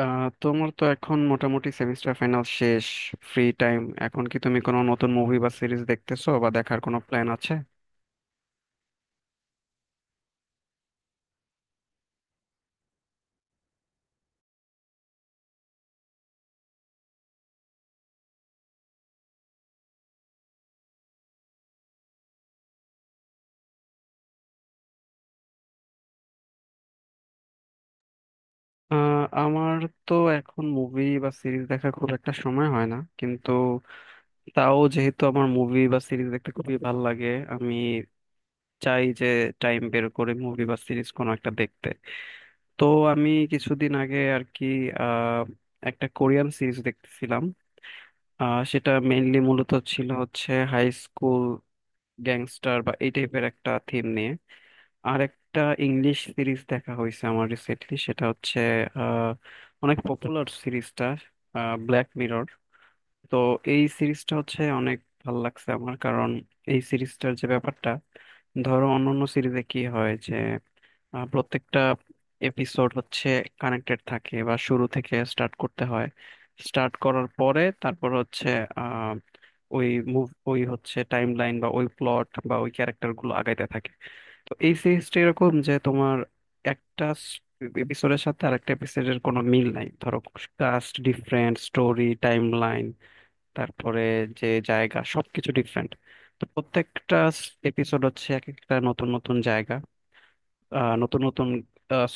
তোমার তো এখন মোটামুটি সেমিস্টার ফাইনাল শেষ। ফ্রি টাইম এখন কি তুমি কোনো নতুন মুভি বা সিরিজ দেখতেছো বা দেখার কোনো প্ল্যান আছে? আমার তো এখন মুভি বা সিরিজ দেখা খুব একটা সময় হয় না, কিন্তু তাও যেহেতু আমার মুভি বা সিরিজ দেখতে খুবই ভালো লাগে, আমি চাই যে টাইম বের করে মুভি বা সিরিজ কোনো একটা দেখতে। তো আমি কিছুদিন আগে আর কি আহ একটা কোরিয়ান সিরিজ দেখতেছিলাম। সেটা মেইনলি মূলত ছিল হচ্ছে হাই স্কুল গ্যাংস্টার বা এই টাইপের একটা থিম নিয়ে। আর একটা ইংলিশ সিরিজ দেখা হয়েছে আমার রিসেন্টলি, সেটা হচ্ছে আহ, অনেক পপুলার সিরিজটা, ব্ল্যাক মিরর। তো এই সিরিজটা হচ্ছে অনেক ভাল লাগছে আমার, কারণ এই সিরিজটার যে ব্যাপারটা, ধরো অন্যান্য সিরিজে কি হয় যে প্রত্যেকটা এপিসোড হচ্ছে কানেক্টেড থাকে বা শুরু থেকে স্টার্ট করতে হয়। স্টার্ট করার পরে তারপর হচ্ছে আহ, ওই মুভ ওই হচ্ছে টাইম লাইন বা ওই প্লট বা ওই ক্যারেক্টার গুলো আগাইতে থাকে। তো এই সিরিজটা এরকম যে তোমার একটা এপিসোডের সাথে আরেকটা এপিসোডের কোনো মিল নাই ধরো। Cast different, story timeline, তারপরে যে জায়গা, সবকিছু ডিফারেন্ট। তো প্রত্যেকটা এপিসোড হচ্ছে এক একটা নতুন নতুন জায়গা, নতুন নতুন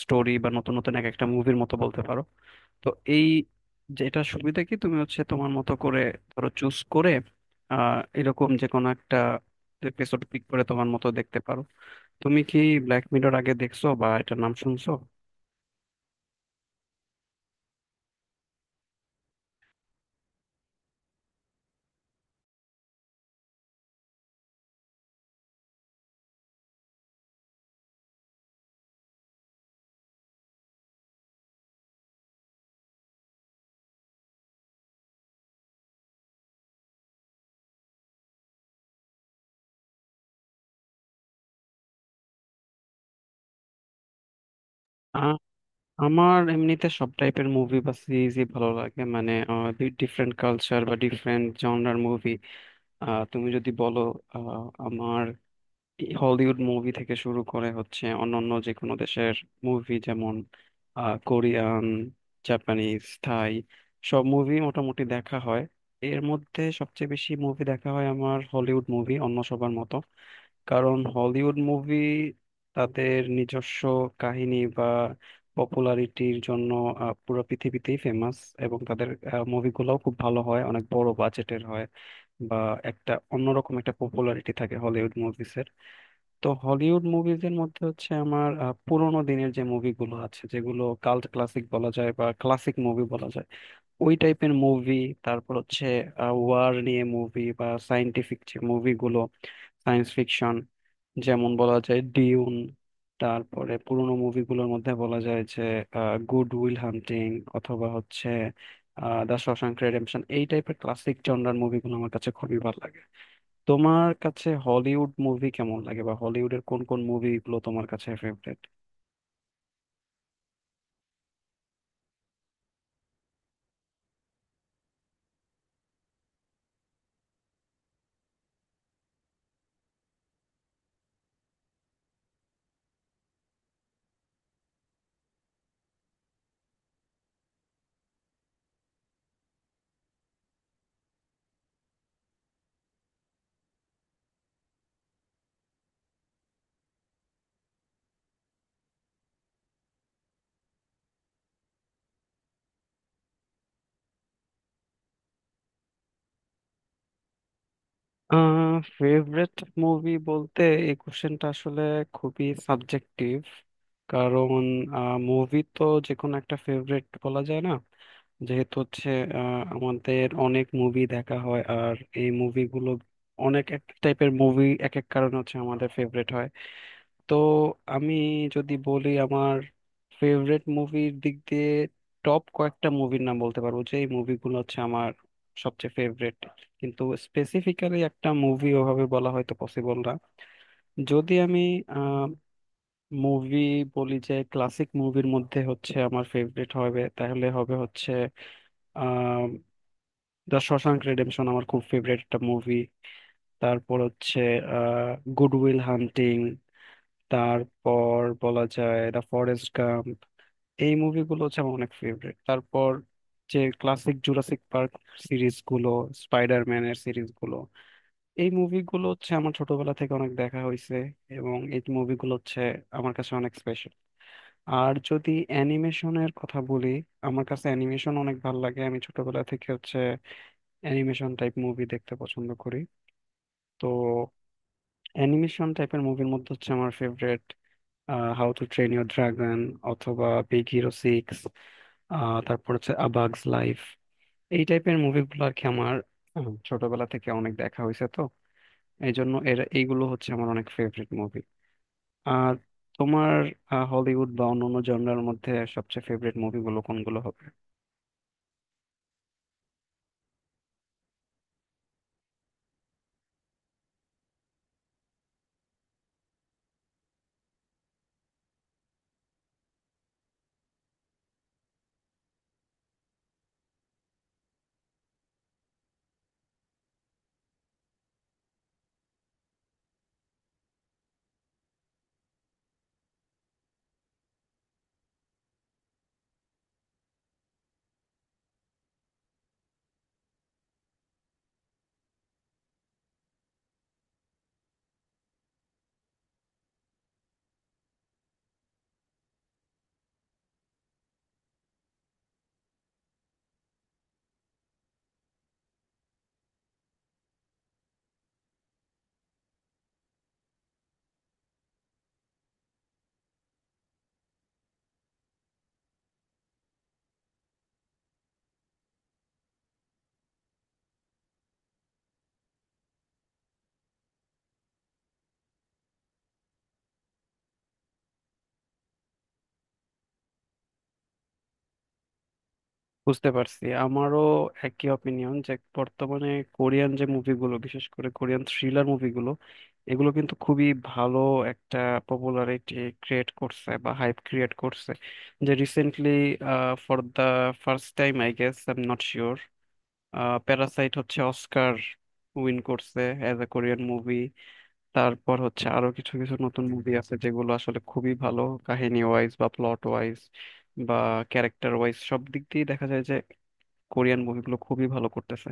স্টোরি, বা নতুন নতুন এক একটা মুভির মতো বলতে পারো। তো এই, যেটা সুবিধা কি তুমি হচ্ছে তোমার মতো করে ধরো চুজ করে, এরকম যে কোনো একটা এপিসোড পিক করে তোমার মতো দেখতে পারো। তুমি কি ব্ল্যাক মিরর আগে দেখছো বা এটার নাম শুনছো? আ- আমার এমনিতে সব টাইপের মুভি বা সিরিজই ভালো লাগে, মানে ডিফারেন্ট কালচার বা ডিফারেন্ট জনরার মুভি, তুমি যদি বলো আমার হলিউড মুভি থেকে শুরু করে হচ্ছে অন্যান্য যে কোনো দেশের মুভি, যেমন কোরিয়ান, জাপানিজ, থাই, সব মুভি মোটামুটি দেখা হয়। এর মধ্যে সবচেয়ে বেশি মুভি দেখা হয় আমার হলিউড মুভি, অন্য সবার মতো। কারণ হলিউড মুভি তাদের নিজস্ব কাহিনী বা পপুলারিটির জন্য পুরো পৃথিবীতেই ফেমাস। এবং তাদের মুভিগুলোও খুব ভালো হয়, অনেক বড় বাজেটের হয়, বা একটা অন্যরকম একটা পপুলারিটি থাকে হলিউড মুভিস। তো হলিউড মুভিজের মধ্যে হচ্ছে আমার পুরোনো দিনের যে মুভিগুলো আছে, যেগুলো কাল্ট ক্লাসিক বলা যায় বা ক্লাসিক মুভি বলা যায়, ওই টাইপের মুভি। তারপর হচ্ছে ওয়ার নিয়ে মুভি বা সায়েন্টিফিক যে মুভিগুলো, সায়েন্স ফিকশন, যেমন বলা যায় ডিউন। তারপরে পুরোনো মুভিগুলোর মধ্যে বলা যায় যে গুড উইল হান্টিং অথবা হচ্ছে দ্য শশাঙ্ক রেডেম্পশন, এই টাইপের ক্লাসিক জনরার মুভিগুলো আমার কাছে খুবই ভালো লাগে। তোমার কাছে হলিউড মুভি কেমন লাগে বা হলিউডের কোন কোন মুভিগুলো তোমার কাছে ফেভারিট? ফেভারিট মুভি বলতে এই কোশ্চেনটা আসলে খুবই সাবজেক্টিভ। কারণ মুভি তো যে কোনো একটা ফেভারিট বলা যায় না, যেহেতু হচ্ছে আমাদের অনেক মুভি দেখা হয় আর এই মুভিগুলো অনেক এক টাইপের মুভি এক এক কারণে হচ্ছে আমাদের ফেভারিট হয়। তো আমি যদি বলি আমার ফেভারেট মুভির দিক দিয়ে টপ কয়েকটা মুভির নাম বলতে পারবো যে এই মুভিগুলো হচ্ছে আমার সবচেয়ে ফেভারেট, কিন্তু স্পেসিফিক্যালি একটা মুভি ওভাবে বলা হয়তো পসিবল না। যদি আমি মুভি বলি যে ক্লাসিক মুভির মধ্যে হচ্ছে আমার ফেভারিট হবে, তাহলে হবে হচ্ছে আহ দ্য শশাঙ্ক রেডেম্পশন আমার খুব ফেভারিট একটা মুভি। তারপর হচ্ছে আহ গুড উইল হান্টিং। তারপর বলা যায় দ্য ফরেস্ট গাম্প। এই মুভিগুলো হচ্ছে আমার অনেক ফেভারিট। তারপর যে ক্লাসিক জুরাসিক পার্ক সিরিজ গুলো, স্পাইডারম্যানের সিরিজ গুলো, এই মুভিগুলো হচ্ছে আমার ছোটবেলা থেকে অনেক দেখা হয়েছে এবং এই মুভিগুলো হচ্ছে আমার কাছে অনেক স্পেশাল। আর যদি অ্যানিমেশনের কথা বলি, আমার কাছে অ্যানিমেশন অনেক ভালো লাগে, আমি ছোটবেলা থেকে হচ্ছে অ্যানিমেশন টাইপ মুভি দেখতে পছন্দ করি। তো অ্যানিমেশন টাইপের মুভির মধ্যে হচ্ছে আমার favourite How to Train Your Dragon অথবা বিগ হিরো সিক্স। তারপর হচ্ছে আবাগস লাইফ, এই টাইপের মুভিগুলো আর কি আমার ছোটবেলা থেকে অনেক দেখা হয়েছে। তো এই জন্য এর এইগুলো হচ্ছে আমার অনেক ফেভারিট মুভি। আর তোমার হলিউড বা অন্যান্য জনরার মধ্যে সবচেয়ে ফেভারিট মুভিগুলো কোনগুলো হবে? বুঝতে পারছি, আমারও একই অপিনিয়ন যে বর্তমানে কোরিয়ান যে মুভিগুলো, বিশেষ করে কোরিয়ান থ্রিলার মুভিগুলো, এগুলো কিন্তু খুবই ভালো একটা পপুলারিটি ক্রিয়েট করছে বা হাইপ ক্রিয়েট করছে। যে recently for the first time I guess I am not sure, Parasite হচ্ছে অস্কার উইন করছে অ্যাজ এ কোরিয়ান মুভি। তারপর হচ্ছে আরো কিছু কিছু নতুন মুভি আছে যেগুলো আসলে খুবই ভালো কাহিনী ওয়াইজ বা প্লট ওয়াইজ বা ক্যারেক্টার ওয়াইজ, সব দিক দিয়ে দেখা যায় কোরিয়ান মুভিগুলো খুবই ভালো করতেছে।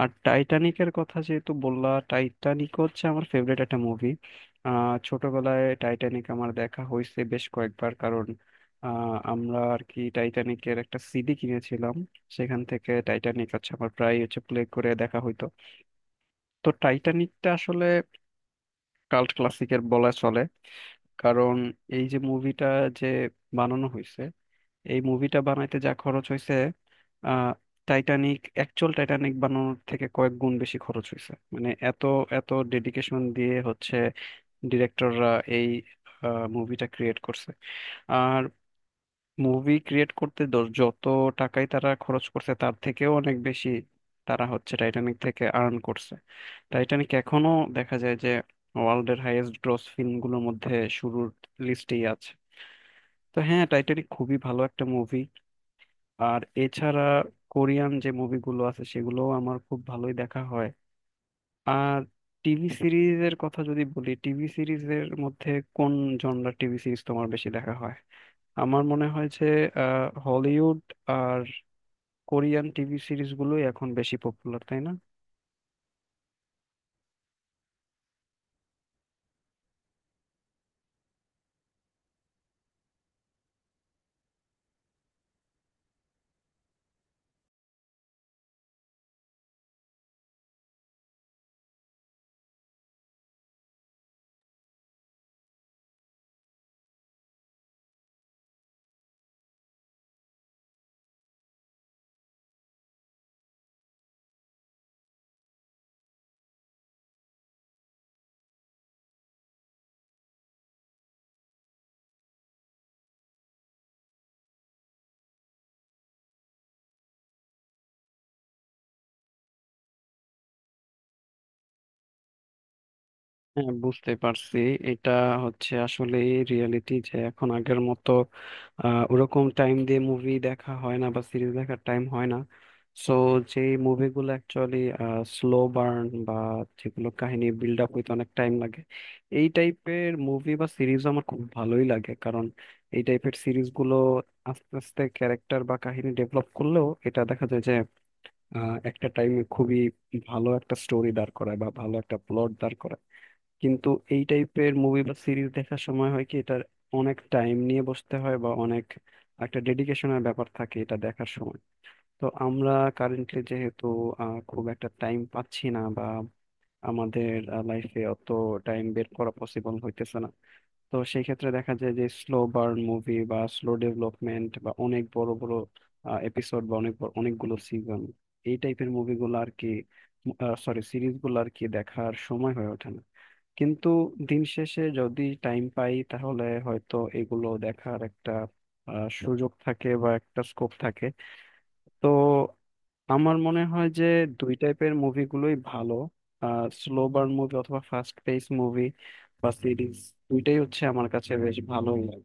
আর টাইটানিকের কথা যেহেতু বললা, টাইটানিক হচ্ছে আমার ফেভারিট একটা মুভি। ছোটবেলায় টাইটানিক আমার দেখা হয়েছে বেশ কয়েকবার, কারণ আমরা আর কি টাইটানিকের একটা সিডি কিনেছিলাম। সেখান থেকে টাইটানিক হচ্ছে আমার প্রায় হচ্ছে প্লে করে দেখা হইতো। তো টাইটানিকটা আসলে কাল্ট ক্লাসিকের বলা চলে, কারণ এই যে মুভিটা যে বানানো হয়েছে, এই মুভিটা বানাইতে যা খরচ হয়েছে, আহ টাইটানিক, অ্যাকচুয়াল টাইটানিক বানানোর থেকে কয়েক গুণ বেশি খরচ হয়েছে। মানে এত এত ডেডিকেশন দিয়ে হচ্ছে ডিরেক্টররা এই মুভিটা ক্রিয়েট করছে। আর মুভি ক্রিয়েট করতে যত টাকাই তারা খরচ করছে তার থেকেও অনেক বেশি তারা হচ্ছে টাইটানিক থেকে আর্ন করছে। টাইটানিক এখনো দেখা যায় যে ওয়ার্ল্ডের হাইয়েস্ট গ্রস ফিল্মগুলোর মধ্যে শুরুর লিস্টেই আছে। তো হ্যাঁ, টাইটানিক খুবই ভালো একটা মুভি। আর এছাড়া কোরিয়ান যে মুভিগুলো আছে সেগুলো আমার খুব ভালোই দেখা হয়। আর টিভি সিরিজের কথা যদি বলি, টিভি সিরিজের মধ্যে কোন জনরার টিভি সিরিজ তোমার বেশি দেখা হয়? আমার মনে হয় যে হলিউড আর কোরিয়ান টিভি সিরিজগুলোই এখন বেশি পপুলার, তাই না? হ্যাঁ, বুঝতে পারছি, এটা হচ্ছে আসলে রিয়েলিটি যে এখন আগের মতো ওরকম টাইম দিয়ে মুভি দেখা হয় না বা সিরিজ দেখার টাইম হয় না। সো যে মুভিগুলো অ্যাকচুয়ালি স্লো বার্ন বা যেগুলো কাহিনী বিল্ড আপ হইতে অনেক টাইম লাগে, এই টাইপের মুভি বা সিরিজ আমার খুব ভালোই লাগে। কারণ এই টাইপের সিরিজগুলো আস্তে আস্তে ক্যারেক্টার বা কাহিনী ডেভেলপ করলেও এটা দেখা যায় যে একটা টাইমে খুবই ভালো একটা স্টোরি দাঁড় করায় বা ভালো একটা প্লট দাঁড় করায়। কিন্তু এই টাইপের মুভি বা সিরিজ দেখার সময় হয় কি, এটার অনেক টাইম নিয়ে বসতে হয় বা অনেক একটা ডেডিকেশনের ব্যাপার থাকে এটা দেখার সময়। তো আমরা কারেন্টলি যেহেতু খুব একটা টাইম পাচ্ছি না বা আমাদের লাইফে অত টাইম বের করা পসিবল হইতেছে না, তো সেই ক্ষেত্রে দেখা যায় যে স্লো বার্ন মুভি বা স্লো ডেভেলপমেন্ট বা অনেক বড় বড় এপিসোড বা অনেকগুলো সিজন, এই টাইপের মুভিগুলো আর কি, সরি, সিরিজগুলো আর কি দেখার সময় হয়ে ওঠে না। কিন্তু দিন শেষে যদি টাইম পাই তাহলে হয়তো এগুলো দেখার একটা সুযোগ থাকে বা একটা স্কোপ থাকে। তো আমার মনে হয় যে দুই টাইপের মুভিগুলোই ভালো, স্লো বার্ন মুভি অথবা ফাস্ট পেস মুভি বা সিরিজ, দুইটাই হচ্ছে আমার কাছে বেশ ভালো লাগে।